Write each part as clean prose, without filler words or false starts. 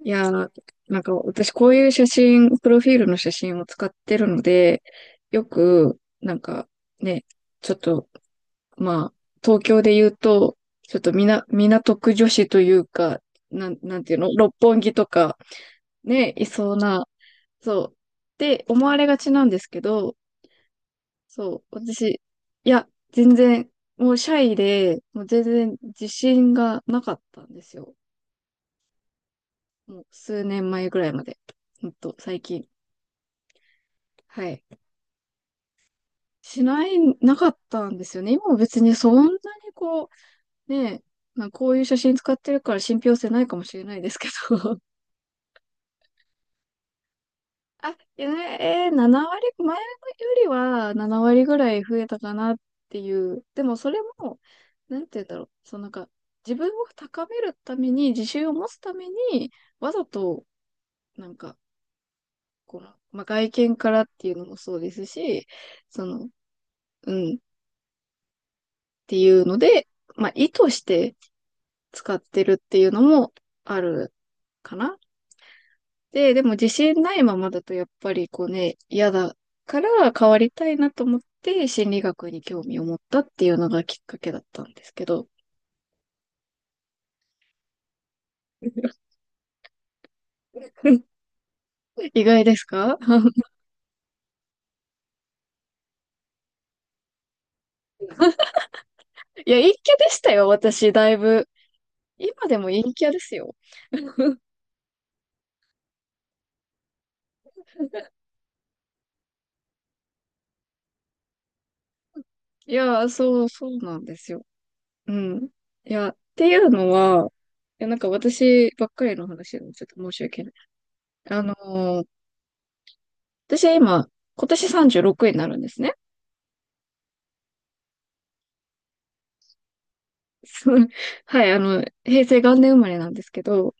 いやー、なんか私こういう写真、プロフィールの写真を使ってるので、よく、なんかね、ちょっと、まあ、東京で言うと、ちょっと港区女子というか、なんていうの、六本木とか、ね、いそうな、そう、って思われがちなんですけど、そう、私、いや、全然、もうシャイで、もう全然自信がなかったんですよ。もう数年前ぐらいまで。ほんと、最近。はい。しない、なかったんですよね。今も別にそんなにこう、ね、まあ、こういう写真使ってるから信憑性ないかもしれないですけど。あ、いやね、7割、前よりは7割ぐらい増えたかなっていう。でもそれも、なんて言うんだろう。そのなんか、自分を高めるために、自信を持つために、わざと、なんか、この、まあ、外見からっていうのもそうですし、その、うん、っていうので、まあ、意図して、使ってるっていうのもあるかな。でも自信ないままだとやっぱりこうね、嫌だから変わりたいなと思って心理学に興味を持ったっていうのがきっかけだったんですけど。意外ですか？ いや、陰キャでしたよ、私、だいぶ。今でも陰キャですよ。いや、そう、そうなんですよ。うん。いや、っていうのは、いや、なんか私ばっかりの話でもちょっと申し訳ない。あのー私今、今年36になるんですね。そのはい、あの、平成元年生まれなんですけど、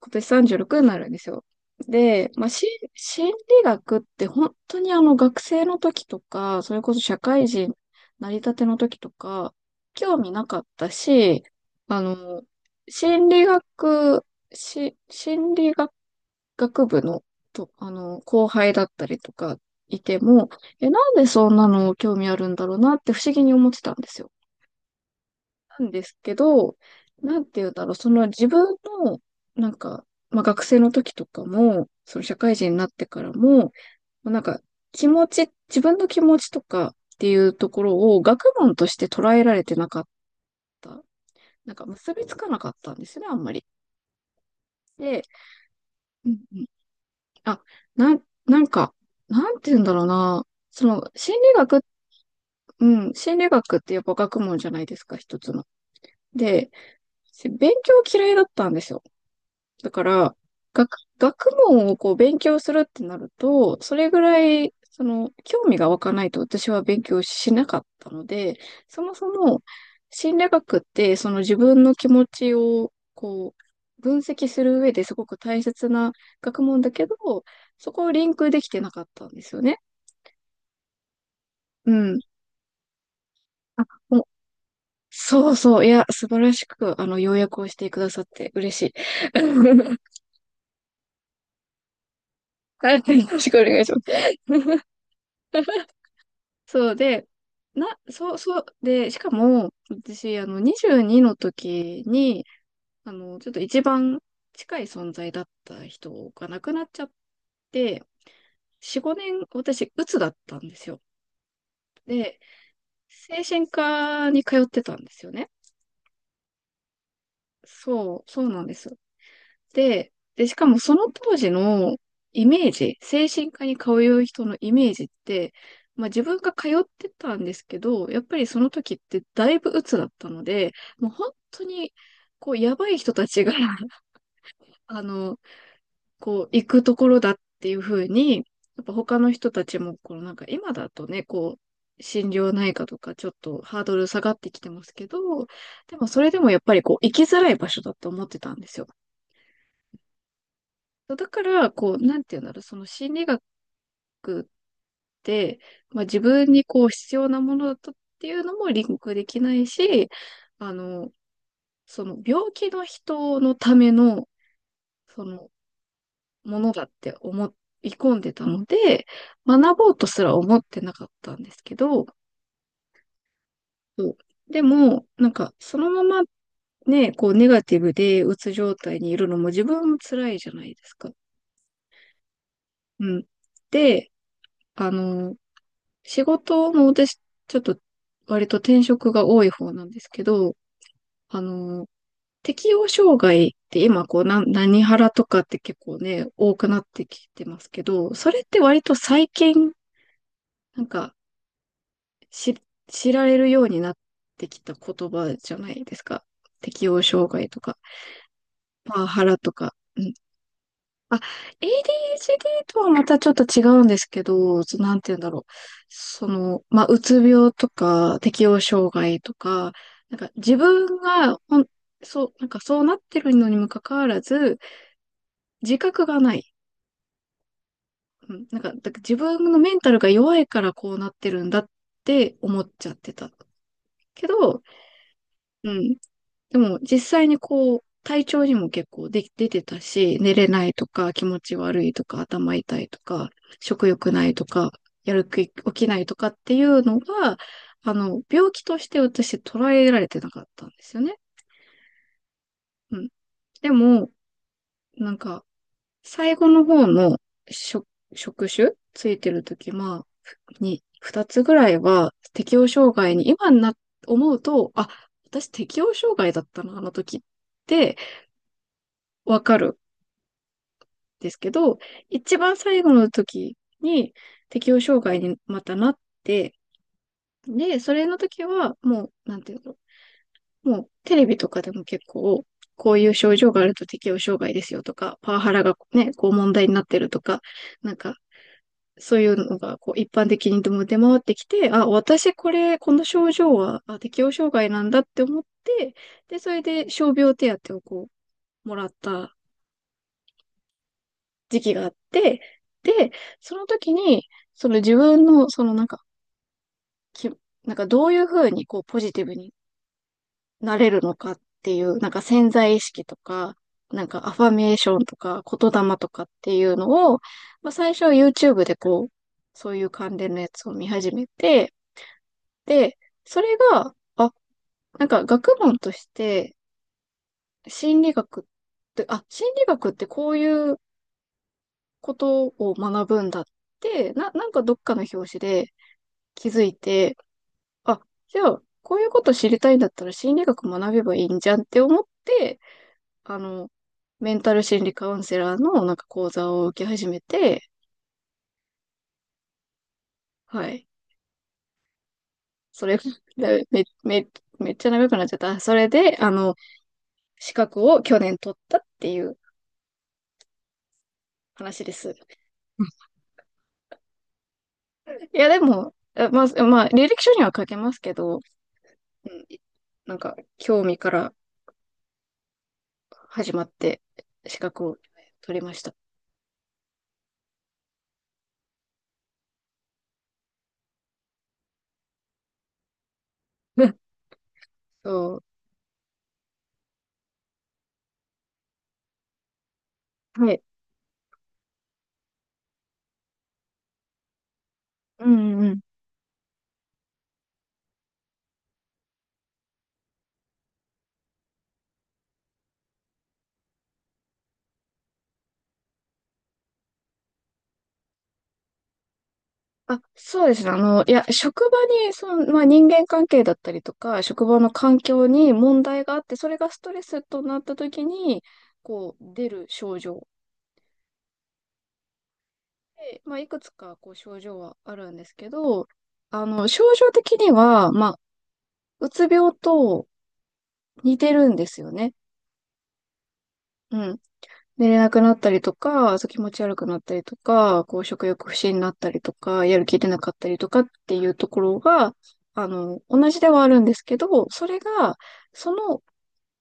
今年36になるんですよ。で、まあ、心理学って本当にあの学生の時とか、それこそ社会人成り立ての時とか、興味なかったし、あの、心理学、心理学、学部の、あの、後輩だったりとかいても、え、なんでそんなの興味あるんだろうなって不思議に思ってたんですよ。なんですけど、なんて言うんだろう、その自分の、なんか、まあ、学生の時とかも、その社会人になってからも、なんか、気持ち、自分の気持ちとかっていうところを学問として捉えられてなかった。なんか結びつかなかったんですね、あんまり。で、うんうん、あ、なんか、なんて言うんだろうな、その、心理学ってやっぱ学問じゃないですか、一つの。で、勉強嫌いだったんですよ。だから、学、学問をこう勉強するってなると、それぐらい、その、興味が湧かないと私は勉強しなかったので、そもそも、心理学って、その自分の気持ちを、こう、分析する上ですごく大切な学問だけど、そこをリンクできてなかったんですよね。うん。あ、もう、そうそう。いや、素晴らしく、あの、要約をしてくださって嬉しい。はい。よろしくお願いします。そうで、な、そう、そう、で、しかも、私、あの、22の時に、あの、ちょっと一番近い存在だった人が亡くなっちゃって、4、5年、私、鬱だったんですよ。で、精神科に通ってたんですよね。そう、そうなんです。で、しかもその当時のイメージ、精神科に通う人のイメージって、まあ自分が通ってたんですけど、やっぱりその時ってだいぶ鬱だったので、もう本当に、こう、やばい人たちが あの、こう、行くところだっていうふうに、やっぱ他の人たちも、このなんか今だとね、こう、心療内科とかちょっとハードル下がってきてますけど、でもそれでもやっぱりこう、行きづらい場所だと思ってたんですよ。そうだから、こう、なんていうんだろう、その心理学って、まあ自分にこう必要なものだとっていうのもリンクできないし、あの、その病気の人のための、そのものだって思い込んでたので、学ぼうとすら思ってなかったんですけど、そうでも、なんかそのままね、こうネガティブでうつ状態にいるのも自分も辛いじゃないですか。うん。で、あの、仕事も私、ちょっと割と転職が多い方なんですけど、あの、適応障害って今こう、何ハラとかって結構ね、多くなってきてますけど、それって割と最近、なんか、し、知られるようになってきた言葉じゃないですか。適応障害とか、パワハラとか。あ、ADHD とはまたちょっと違うんですけど、なんて言うんだろう。その、まあ、うつ病とか、適応障害とか、なんか自分がほん、そう、なんかそうなってるのにもかかわらず、自覚がない。うん、なんか、だから自分のメンタルが弱いからこうなってるんだって思っちゃってた。けど、うん、でも実際にこう、体調にも結構出てたし、寝れないとか、気持ち悪いとか、頭痛いとか、食欲ないとか、やる気起きないとかっていうのが、あの、病気として私捉えられてなかったんですよね。うん。でも、なんか、最後の方の職、職種ついてる時まあ、二つぐらいは適応障害に、今に思うと、あ、私適応障害だったな、あの時って、わかる。ですけど、一番最後の時に適応障害にまたなって、で、それの時はもう、なんていうの、もうテレビとかでも結構、こういう症状があると適応障害ですよとか、パワハラがね、こう問題になってるとか、なんか、そういうのがこう一般的にでも出回ってきて、あ、私これ、この症状は適応障害なんだって思って、で、それで傷病手当をこう、もらった時期があって、で、その時に、その自分の、そのなんか、き、なんかどういうふうにこうポジティブになれるのかっていう、なんか潜在意識とか、なんかアファメーションとか言霊とかっていうのを、まあ最初は YouTube でこう、そういう関連のやつを見始めて、で、それが、あ、なんか学問として心理学っ心理学ってこういうことを学ぶんだって、なんかどっかの表紙で、気づいて、あ、じゃあ、こういうこと知りたいんだったら心理学学べばいいんじゃんって思って、あの、メンタル心理カウンセラーのなんか講座を受け始めて、はい。それ、め、め、めめっちゃ長くなっちゃった。それで、あの、資格を去年取ったっていう話です。いや、でも、えまあ、まあ、履歴書には書けますけど、うん、なんか、興味から始まって資格を取りました。そう。はい。うんうん。あ、そうですね。あの、いや、職場に、その、まあ、人間関係だったりとか、職場の環境に問題があって、それがストレスとなった時に、こう、出る症状。で、まあ、いくつか、こう、症状はあるんですけど、あの、症状的には、まあ、うつ病と似てるんですよね。うん。寝れなくなったりとか、そう気持ち悪くなったりとか、こう食欲不振になったりとか、やる気出なかったりとかっていうところが、あの、同じではあるんですけど、それが、その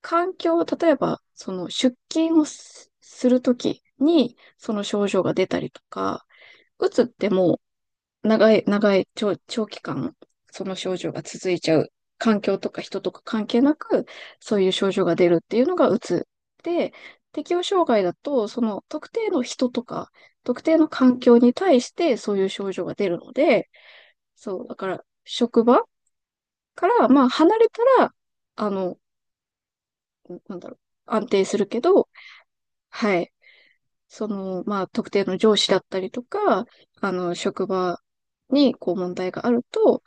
環境、例えば、その出勤をするときに、その症状が出たりとか、うつってもう長い、長い、長期間、その症状が続いちゃう。環境とか人とか関係なく、そういう症状が出るっていうのがうつ。で、適応障害だと、その特定の人とか、特定の環境に対してそういう症状が出るので、そう、だから、職場から、まあ、離れたら、あの、なんだろう、安定するけど、はい、その、まあ、特定の上司だったりとか、あの、職場に、こう、問題があると、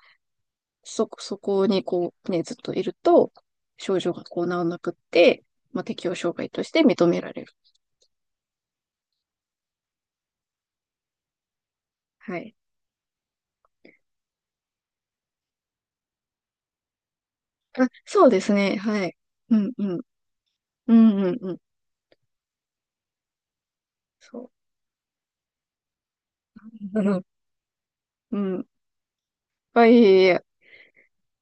そこにこうね、ずっといると、症状がこう治らなくって、まあ、適応障害として認められる。はい。あ、そうですね。はい。うん、うん。うん、うん、うん。そう。うん。うんいっぱい、いや、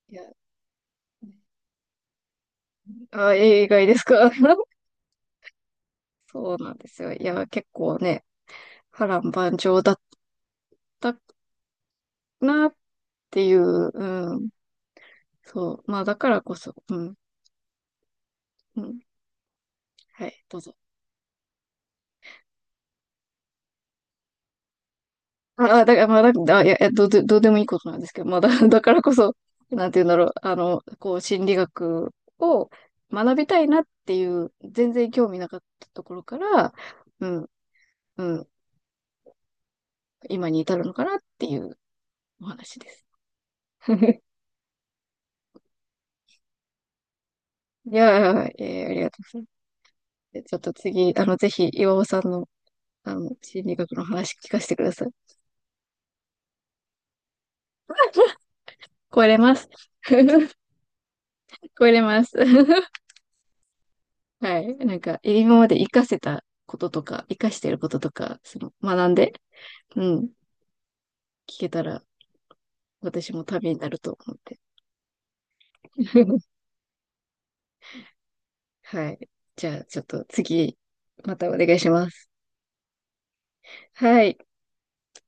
いやあ、映画ですか？ そうなんですよ。いや、結構ね、波乱万丈だったなっていう、うん。そう。まあ、だからこそ、うん、うん。はい、どうぞ。あ、あだから、まあ、だ、あいや、えどうで、どうでもいいことなんですけど、だからこそ、なんて言うんだろう、あの、こう、心理学を学びたいなっていう、全然興味なかったところから、うん、うん、今に至るのかなっていうお話です。いやー、ありがとうございます。でちょっと次、あの、ぜひ、岩尾さんの、あの、心理学の話聞かせてください。超えれます。超えれます。はい。なんか、今まで活かせたこととか、活かしてることとか、その、学んで、うん、聞けたら、私もためになると思って。はい。じゃあ、ちょっと次、またお願いします。はい。